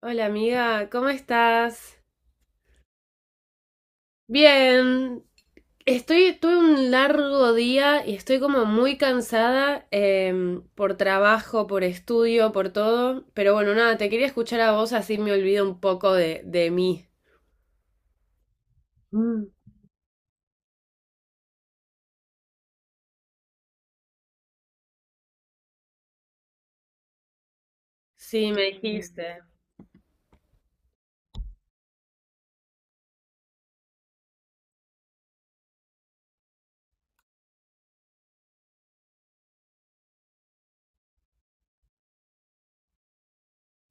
Hola amiga, ¿cómo estás? Bien, estoy, tuve un largo día y estoy como muy cansada por trabajo, por estudio, por todo. Pero bueno, nada, te quería escuchar a vos así me olvido un poco de mí. Mm. Sí, me dijiste.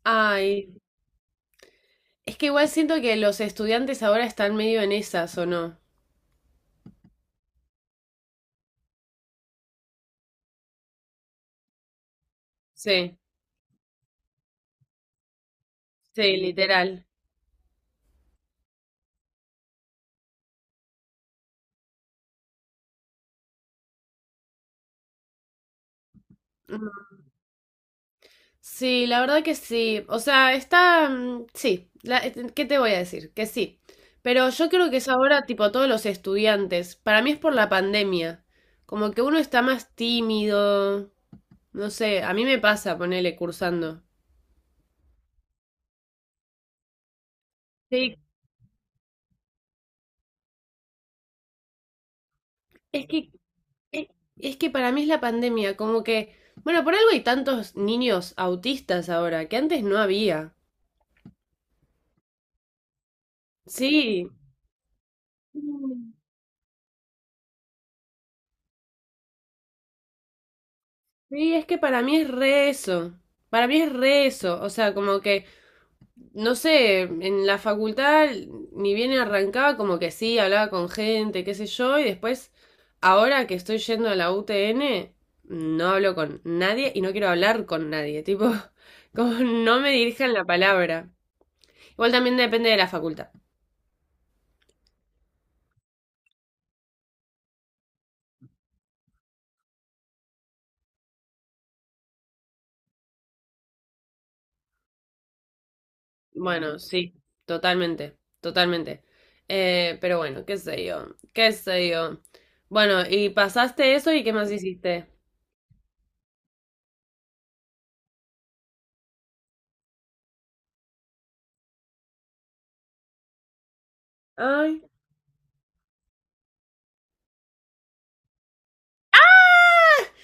Ay, es que igual siento que los estudiantes ahora están medio en esas, ¿o no? Sí, sí, literal. Sí, la verdad que sí. O sea, está, sí, ¿qué te voy a decir? Que sí. Pero yo creo que es ahora tipo todos los estudiantes. Para mí es por la pandemia. Como que uno está más tímido. No sé, a mí me pasa ponerle cursando. Sí, es que, es, es que para mí es la pandemia. Como que... Bueno, por algo hay tantos niños autistas ahora, que antes no había. Sí. Mm, sí, es que para mí es re eso. Para mí es re eso. O sea, como que... No sé, en la facultad ni bien arrancaba como que sí, hablaba con gente, qué sé yo, y después, ahora que estoy yendo a la UTN, no hablo con nadie y no quiero hablar con nadie, tipo, como no me dirijan la palabra. Igual también depende de la facultad. Bueno, sí, totalmente, totalmente. Pero bueno, qué sé yo, qué sé yo. Bueno, y pasaste eso y ¿qué más hiciste? Ay,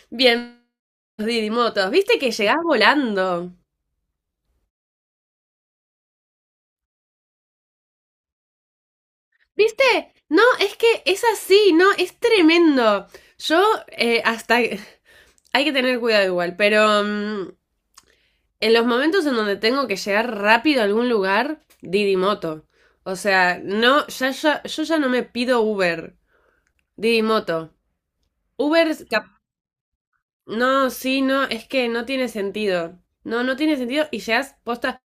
bien, Didi Motos, viste que llegás volando. ¿Viste? No, es que es así, no, es tremendo. Yo hasta... Hay que tener cuidado igual, pero en los momentos en donde tengo que llegar rápido a algún lugar, Didi Moto. O sea, no, yo ya no me pido Uber, Didi Moto. Uber, es cap- no, sí, no, es que no tiene sentido. No, no tiene sentido y llegas posta.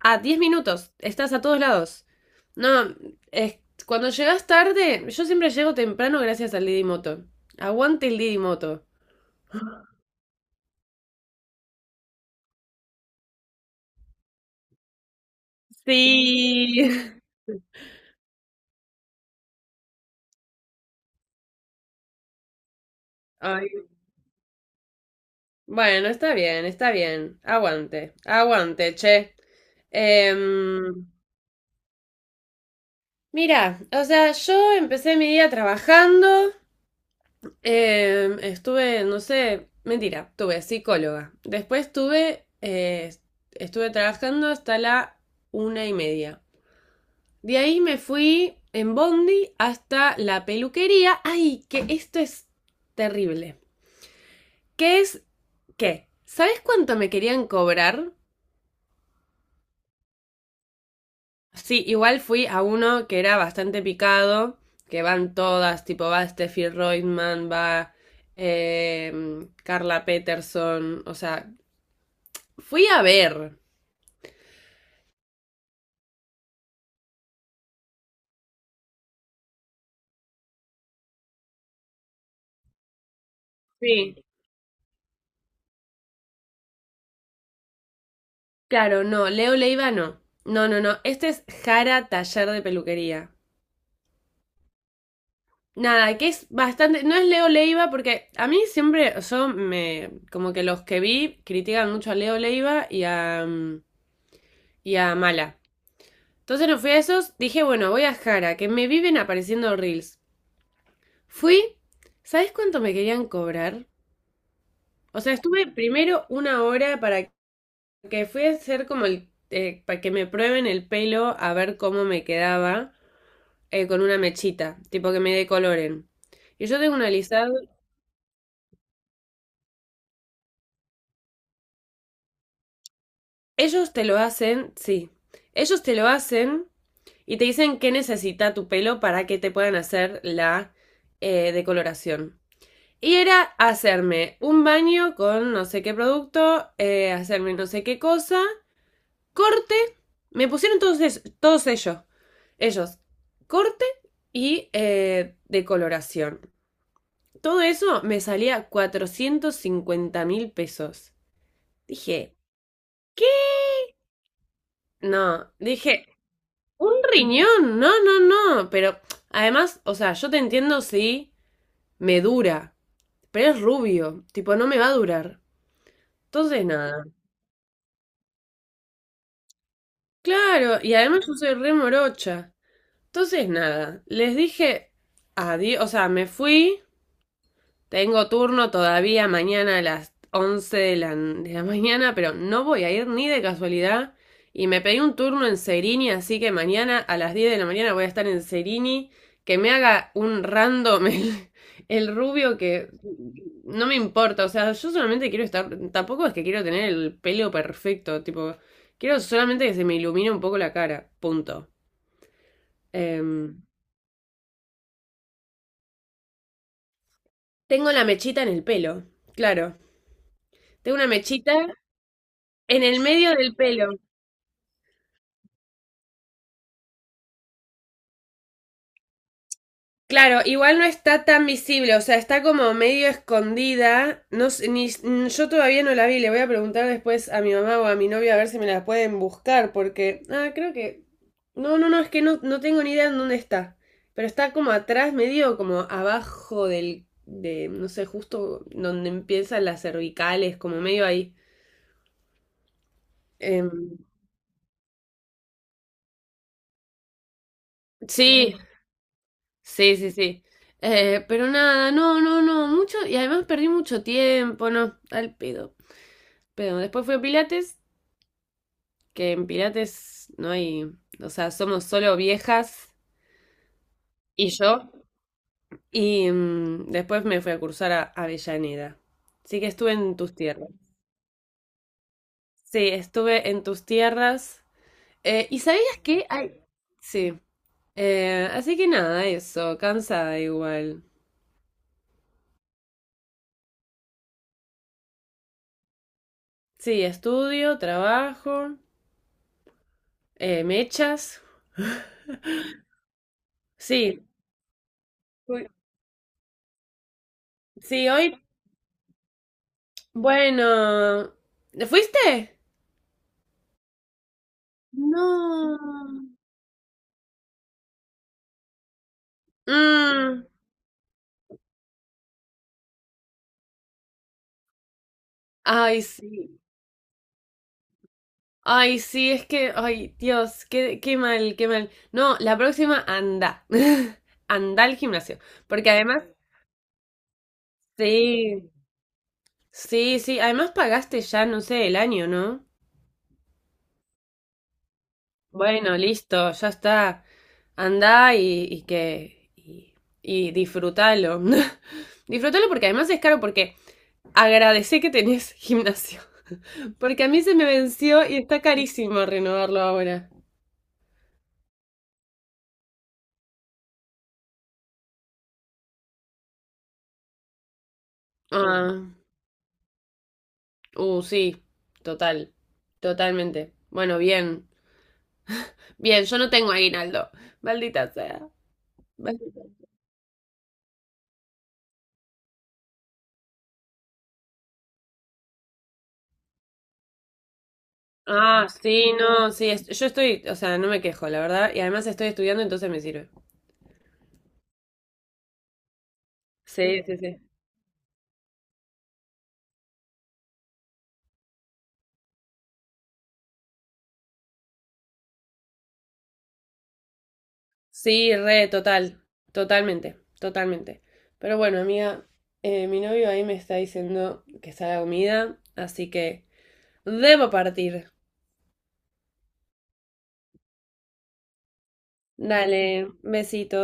A 10 minutos, estás a todos lados. No, es, cuando llegas tarde, yo siempre llego temprano gracias al Didi Moto. Aguante el Didi Moto. Sí. Ay, bueno, está bien, está bien. Aguante, aguante, che. Em, mira, o sea, yo empecé mi día trabajando. Estuve, no sé, mentira, tuve psicóloga. Después tuve, estuve trabajando hasta la 1:30. De ahí me fui en Bondi hasta la peluquería. Ay, que esto es terrible. ¿Qué es qué? ¿Sabes cuánto me querían cobrar? Sí, igual fui a uno que era bastante picado, que van todas, tipo va Steffi Reutemann, va eh, Carla Peterson, o sea, fui a ver. Sí. Claro, no, Leo Leiva no. No, no, no, este es Jara Taller de Peluquería. Nada, que es bastante. No es Leo Leiva, porque a mí siempre. Yo me. Como que los que vi critican mucho a Leo Leiva y a. Y a Mala. Entonces no fui a esos. Dije, bueno, voy a Jara, que me viven apareciendo reels. Fui. ¿Sabes cuánto me querían cobrar? O sea, estuve primero una hora para que fui a hacer como el. Para que me prueben el pelo a ver cómo me quedaba con una mechita. Tipo que me decoloren. Y yo tengo un alisado. Ellos te lo hacen, sí. Ellos te lo hacen y te dicen qué necesita tu pelo para que te puedan hacer la decoloración. Y era hacerme un baño con no sé qué producto, hacerme no sé qué cosa, corte. Me pusieron todos ellos. Ellos, corte y decoloración. Todo eso me salía 450.000 pesos. Dije, ¿qué? No, dije, un riñón, no, no, no. Pero además, o sea, yo te entiendo si me dura, pero es rubio, tipo, no me va a durar. Entonces, nada. Claro, y además yo soy re morocha. Entonces, nada. Les dije adiós, o sea, me fui. Tengo turno todavía mañana a las 11 de la mañana, pero no voy a ir ni de casualidad. Y me pedí un turno en Serini, así que mañana a las 10 de la mañana voy a estar en Serini. Que me haga un random el rubio que no me importa. O sea, yo solamente quiero estar. Tampoco es que quiero tener el pelo perfecto. Tipo, quiero solamente que se me ilumine un poco la cara. Punto. Em, tengo la mechita en el pelo. Claro. Tengo una mechita en el medio del pelo. Claro, igual no está tan visible, o sea, está como medio escondida. No, sé, ni, n- yo todavía no la vi, le voy a preguntar después a mi mamá o a mi novio a ver si me la pueden buscar, porque. Ah, creo que. No, no, no, es que no, no tengo ni idea en dónde está. Pero está como atrás, medio como abajo del. De, no sé, justo donde empiezan las cervicales, como medio ahí. Em, sí, sí, sí, sí. Pero nada, no, no, no, mucho, y además perdí mucho tiempo, no, al pedo. Pero después fue Pilates, que en Pilates no hay, o sea, somos solo viejas y yo. Y después me fui a cursar a Avellaneda. Así que estuve en tus tierras. Sí, estuve en tus tierras. ¿Y sabías que hay? Sí. Así que nada, eso, cansada igual. Sí, estudio, trabajo, mechas. Sí, fui- sí, hoy. Bueno, ¿fuiste? No. Mm, ay, sí. Ay, sí, es que, ay, Dios, qué, qué mal, qué mal. No, la próxima anda. Anda al gimnasio. Porque además, sí, sí, sí. Además pagaste ya, no sé, el año, ¿no? Bueno, listo, ya está. Anda y que. Y disfrútalo. Disfrútalo porque además es caro, porque agradecé que tenés gimnasio. Porque a mí se me venció y está carísimo renovarlo ahora. Ah. Sí, total, totalmente. Bueno, bien, bien, yo no tengo aguinaldo, maldita sea. Maldita. Ah, sí, no, sí, es- yo estoy, o sea, no me quejo, la verdad, y además estoy estudiando, entonces me sirve. Sí, sí, sí. Sí, re, total, totalmente, totalmente. Pero bueno, amiga, mi novio ahí me está diciendo que está la comida, así que debo partir. Dale, besito.